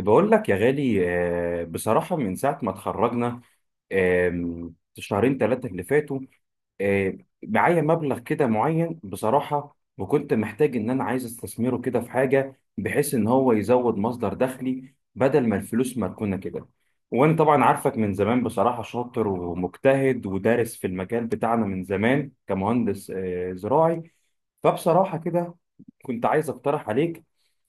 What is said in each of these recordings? بقول لك يا غالي. بصراحة من ساعة ما اتخرجنا. شهرين ثلاثة اللي فاتوا. آه، معايا مبلغ كده معين بصراحة، وكنت محتاج إن أنا عايز استثمره كده في حاجة بحيث إن هو يزود مصدر دخلي بدل ما الفلوس مركونة كده. وأنا طبعا عارفك من زمان، بصراحة شاطر ومجتهد ودارس في المجال بتاعنا من زمان كمهندس زراعي. فبصراحة كده كنت عايز أقترح عليك.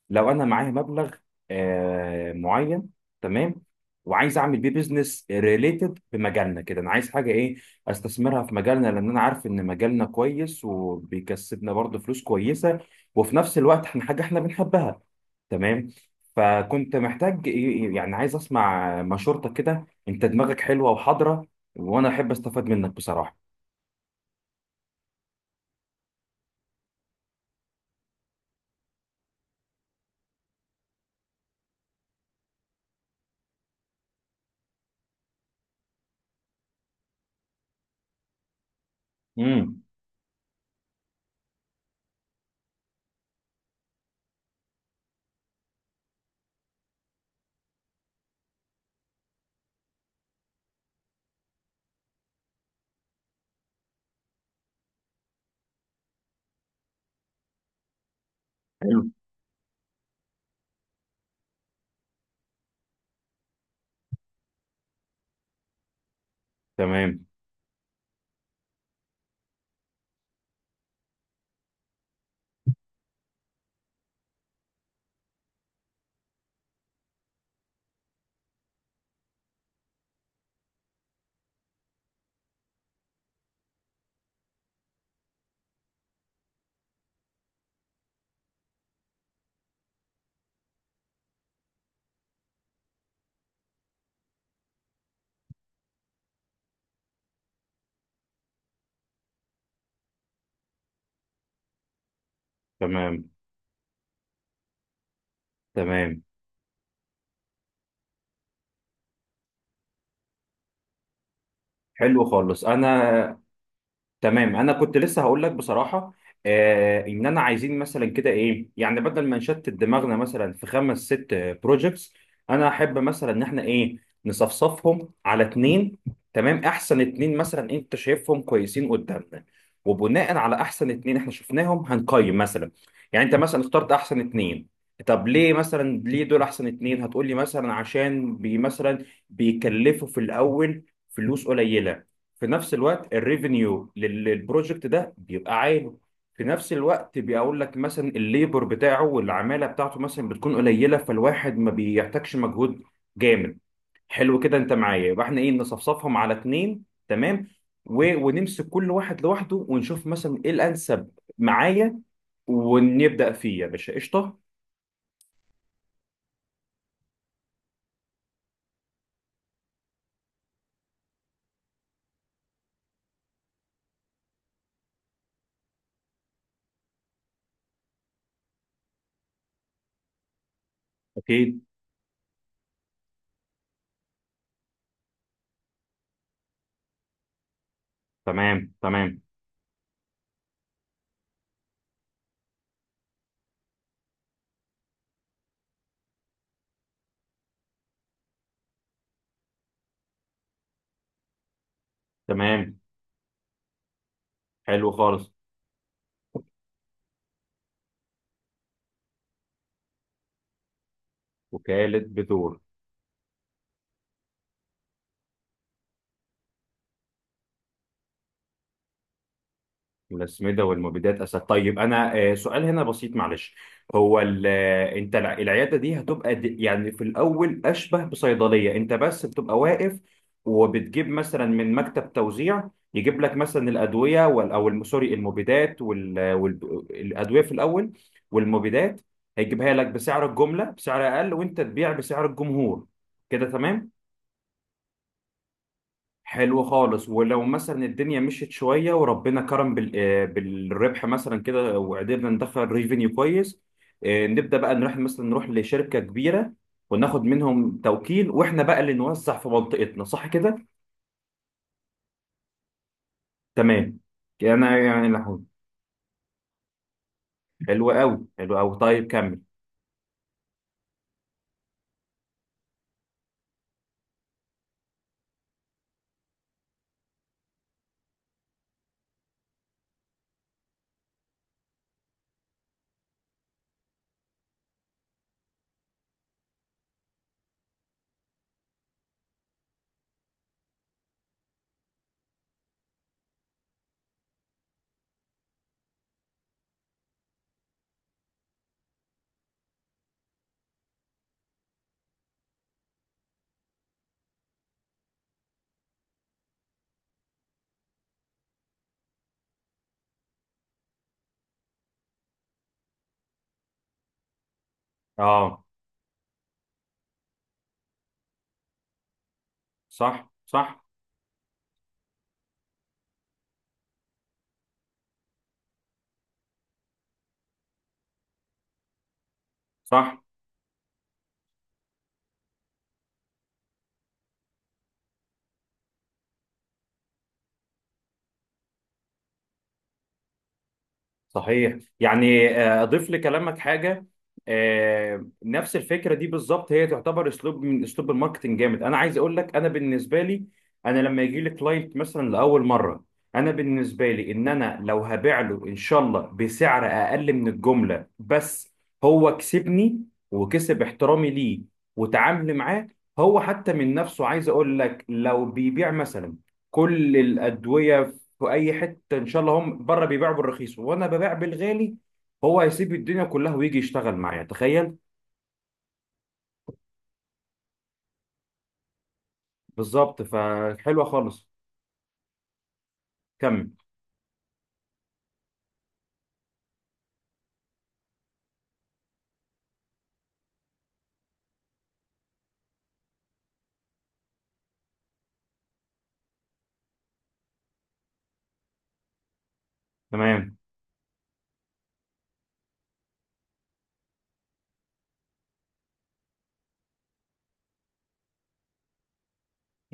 لو انا معايا مبلغ معين، تمام؟ وعايز اعمل بيه بيزنس ريليتد بمجالنا كده، انا عايز حاجه ايه، استثمرها في مجالنا، لان انا عارف ان مجالنا كويس وبيكسبنا برضه فلوس كويسه، وفي نفس الوقت احنا حاجه احنا بنحبها، تمام؟ فكنت محتاج إيه، يعني عايز اسمع مشورتك كده، انت دماغك حلوه وحاضره وانا احب استفاد منك بصراحه. امم. حلو. تمام، تمام، تمام. حلو خالص انا. تمام، انا كنت لسه هقول لك بصراحه، ان انا عايزين مثلا كده ايه، يعني بدل ما نشتت دماغنا مثلا في خمس ست بروجكتس، انا احب مثلا ان احنا ايه، نصفصفهم على اتنين، تمام؟ احسن اتنين مثلا انت شايفهم كويسين قدامنا، وبناء على احسن اتنين احنا شفناهم هنقيم مثلا، يعني انت مثلا اخترت احسن اتنين. طب ليه مثلا، ليه دول احسن اتنين؟ هتقولي مثلا عشان بي مثلا بيكلفوا في الاول فلوس قليله، في نفس الوقت الريفينيو للبروجكت ده بيبقى عالي، في نفس الوقت بيقول لك مثلا الليبر بتاعه والعماله بتاعته مثلا بتكون قليله، فالواحد ما بيحتاجش مجهود جامد. حلو كده، انت معايا؟ يبقى احنا ايه، نصفصفهم على اتنين، تمام؟ و... ونمسك كل واحد لوحده ونشوف مثلا ايه الانسب معايا، ونبدا فيه يا باشا، قشطه. اكيد. تمام، تمام، تمام. حلو خالص. وكاله بترول. الأسمدة والمبيدات أسد. طيب أنا سؤال هنا بسيط معلش. هو أنت العيادة دي هتبقى يعني في الأول أشبه بصيدلية؟ أنت بس بتبقى واقف وبتجيب مثلا من مكتب توزيع، يجيب لك مثلا الأدوية أو سوري، المبيدات والأدوية في الأول، والمبيدات، هيجيبها لك بسعر الجملة، بسعر أقل، وأنت تبيع بسعر الجمهور. كده تمام؟ حلو خالص. ولو مثلا الدنيا مشيت شويه وربنا كرم بالربح مثلا كده، وقدرنا ندخل ريفينيو كويس، نبدا بقى نروح مثلا، نروح لشركه كبيره وناخد منهم توكيل، واحنا بقى اللي نوزع في منطقتنا، صح كده؟ تمام. انا يعني لحظة. حلو قوي، حلو قوي. طيب كمل. اه. صح، صح، صح. صحيح. يعني اضيف لكلامك حاجه. نفس الفكره دي بالظبط، هي تعتبر اسلوب من اسلوب الماركتنج جامد. انا عايز اقول لك، انا بالنسبه لي، انا لما يجي لي كلاينت مثلا لاول مره، انا بالنسبه لي ان انا لو هبيع له ان شاء الله بسعر اقل من الجمله، بس هو كسبني وكسب احترامي ليه وتعاملي معاه. هو حتى من نفسه عايز اقول لك، لو بيبيع مثلا كل الادويه في اي حته ان شاء الله، هم بره بيبيعوا بالرخيص وانا ببيع بالغالي، هو هيسيب الدنيا كلها ويجي يشتغل معايا، تخيل. بالظبط، فحلوه خالص. كمل. تمام.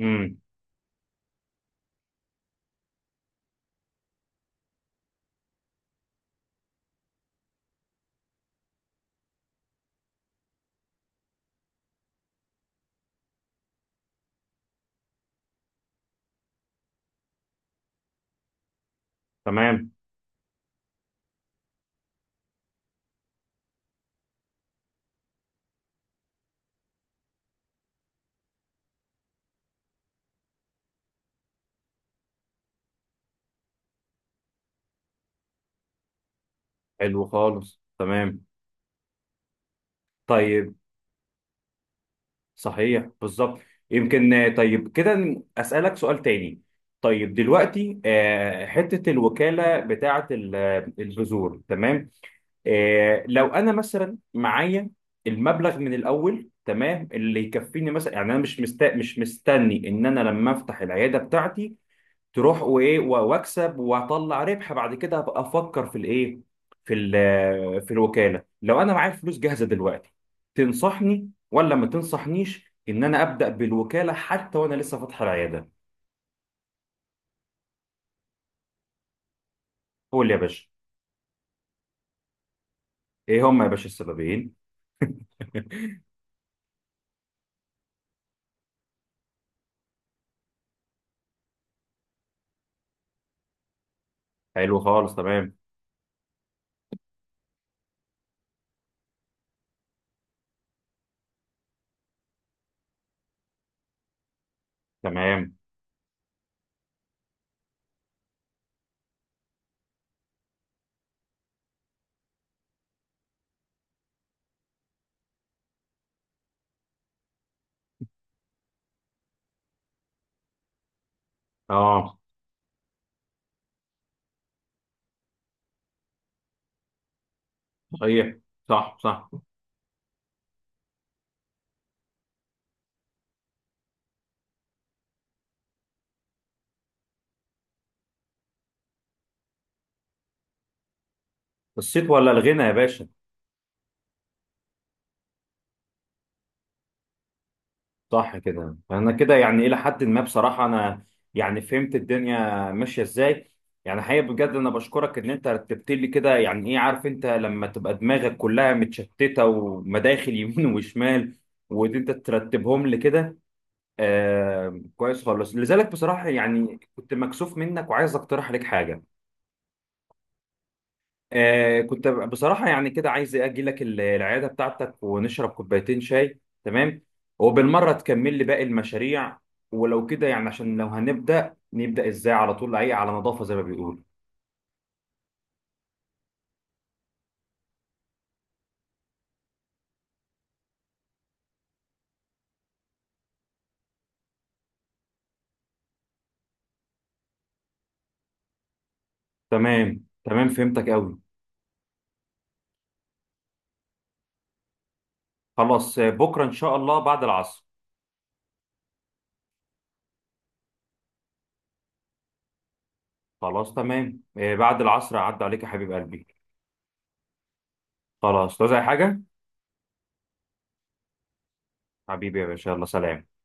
امم. تمام. حلو خالص. تمام. طيب صحيح، بالظبط. يمكن، طيب كده اسالك سؤال تاني. طيب دلوقتي حته الوكاله بتاعه البذور، تمام؟ لو انا مثلا معايا المبلغ من الاول، تمام، اللي يكفيني مثلا، يعني انا مش مستني ان انا لما افتح العياده بتاعتي تروح وايه واكسب واطلع ربح بعد كده ابقى افكر في الايه، في ال... في الوكاله. لو انا معايا فلوس جاهزه دلوقتي، تنصحني ولا ما تنصحنيش ان انا ابدا بالوكاله حتى وانا لسه فاتح العياده؟ قول لي يا باشا. ايه هم يا باشا السببين؟ حلو خالص، تمام. تمام. اه. صحيح. صح، صح. الصيت ولا الغنى يا باشا. صح كده. انا كده يعني الى حد ما بصراحه انا يعني فهمت الدنيا ماشيه ازاي. يعني حقيقه بجد انا بشكرك ان انت رتبت لي كده، يعني ايه، عارف انت لما تبقى دماغك كلها متشتته ومداخل يمين وشمال، وان انت ترتبهم لي كده، آه كويس خالص. لذلك بصراحه يعني كنت مكسوف منك وعايز اقترح عليك حاجه. آه، كنت بصراحة يعني كده عايز إيه، أجي لك العيادة بتاعتك ونشرب كوبايتين شاي، تمام؟ وبالمرة تكمل لي باقي المشاريع، ولو كده يعني عشان لو هنبدأ، نبدأ إزاي على طول، أي على نظافة زي ما بيقولوا. تمام، تمام، فهمتك أوي. خلاص، بكرة إن شاء الله بعد العصر. خلاص تمام، آه بعد العصر أعد عليك يا حبيب قلبي. خلاص، عايز أي حاجة؟ حبيبي يا باشا، يلا سلام.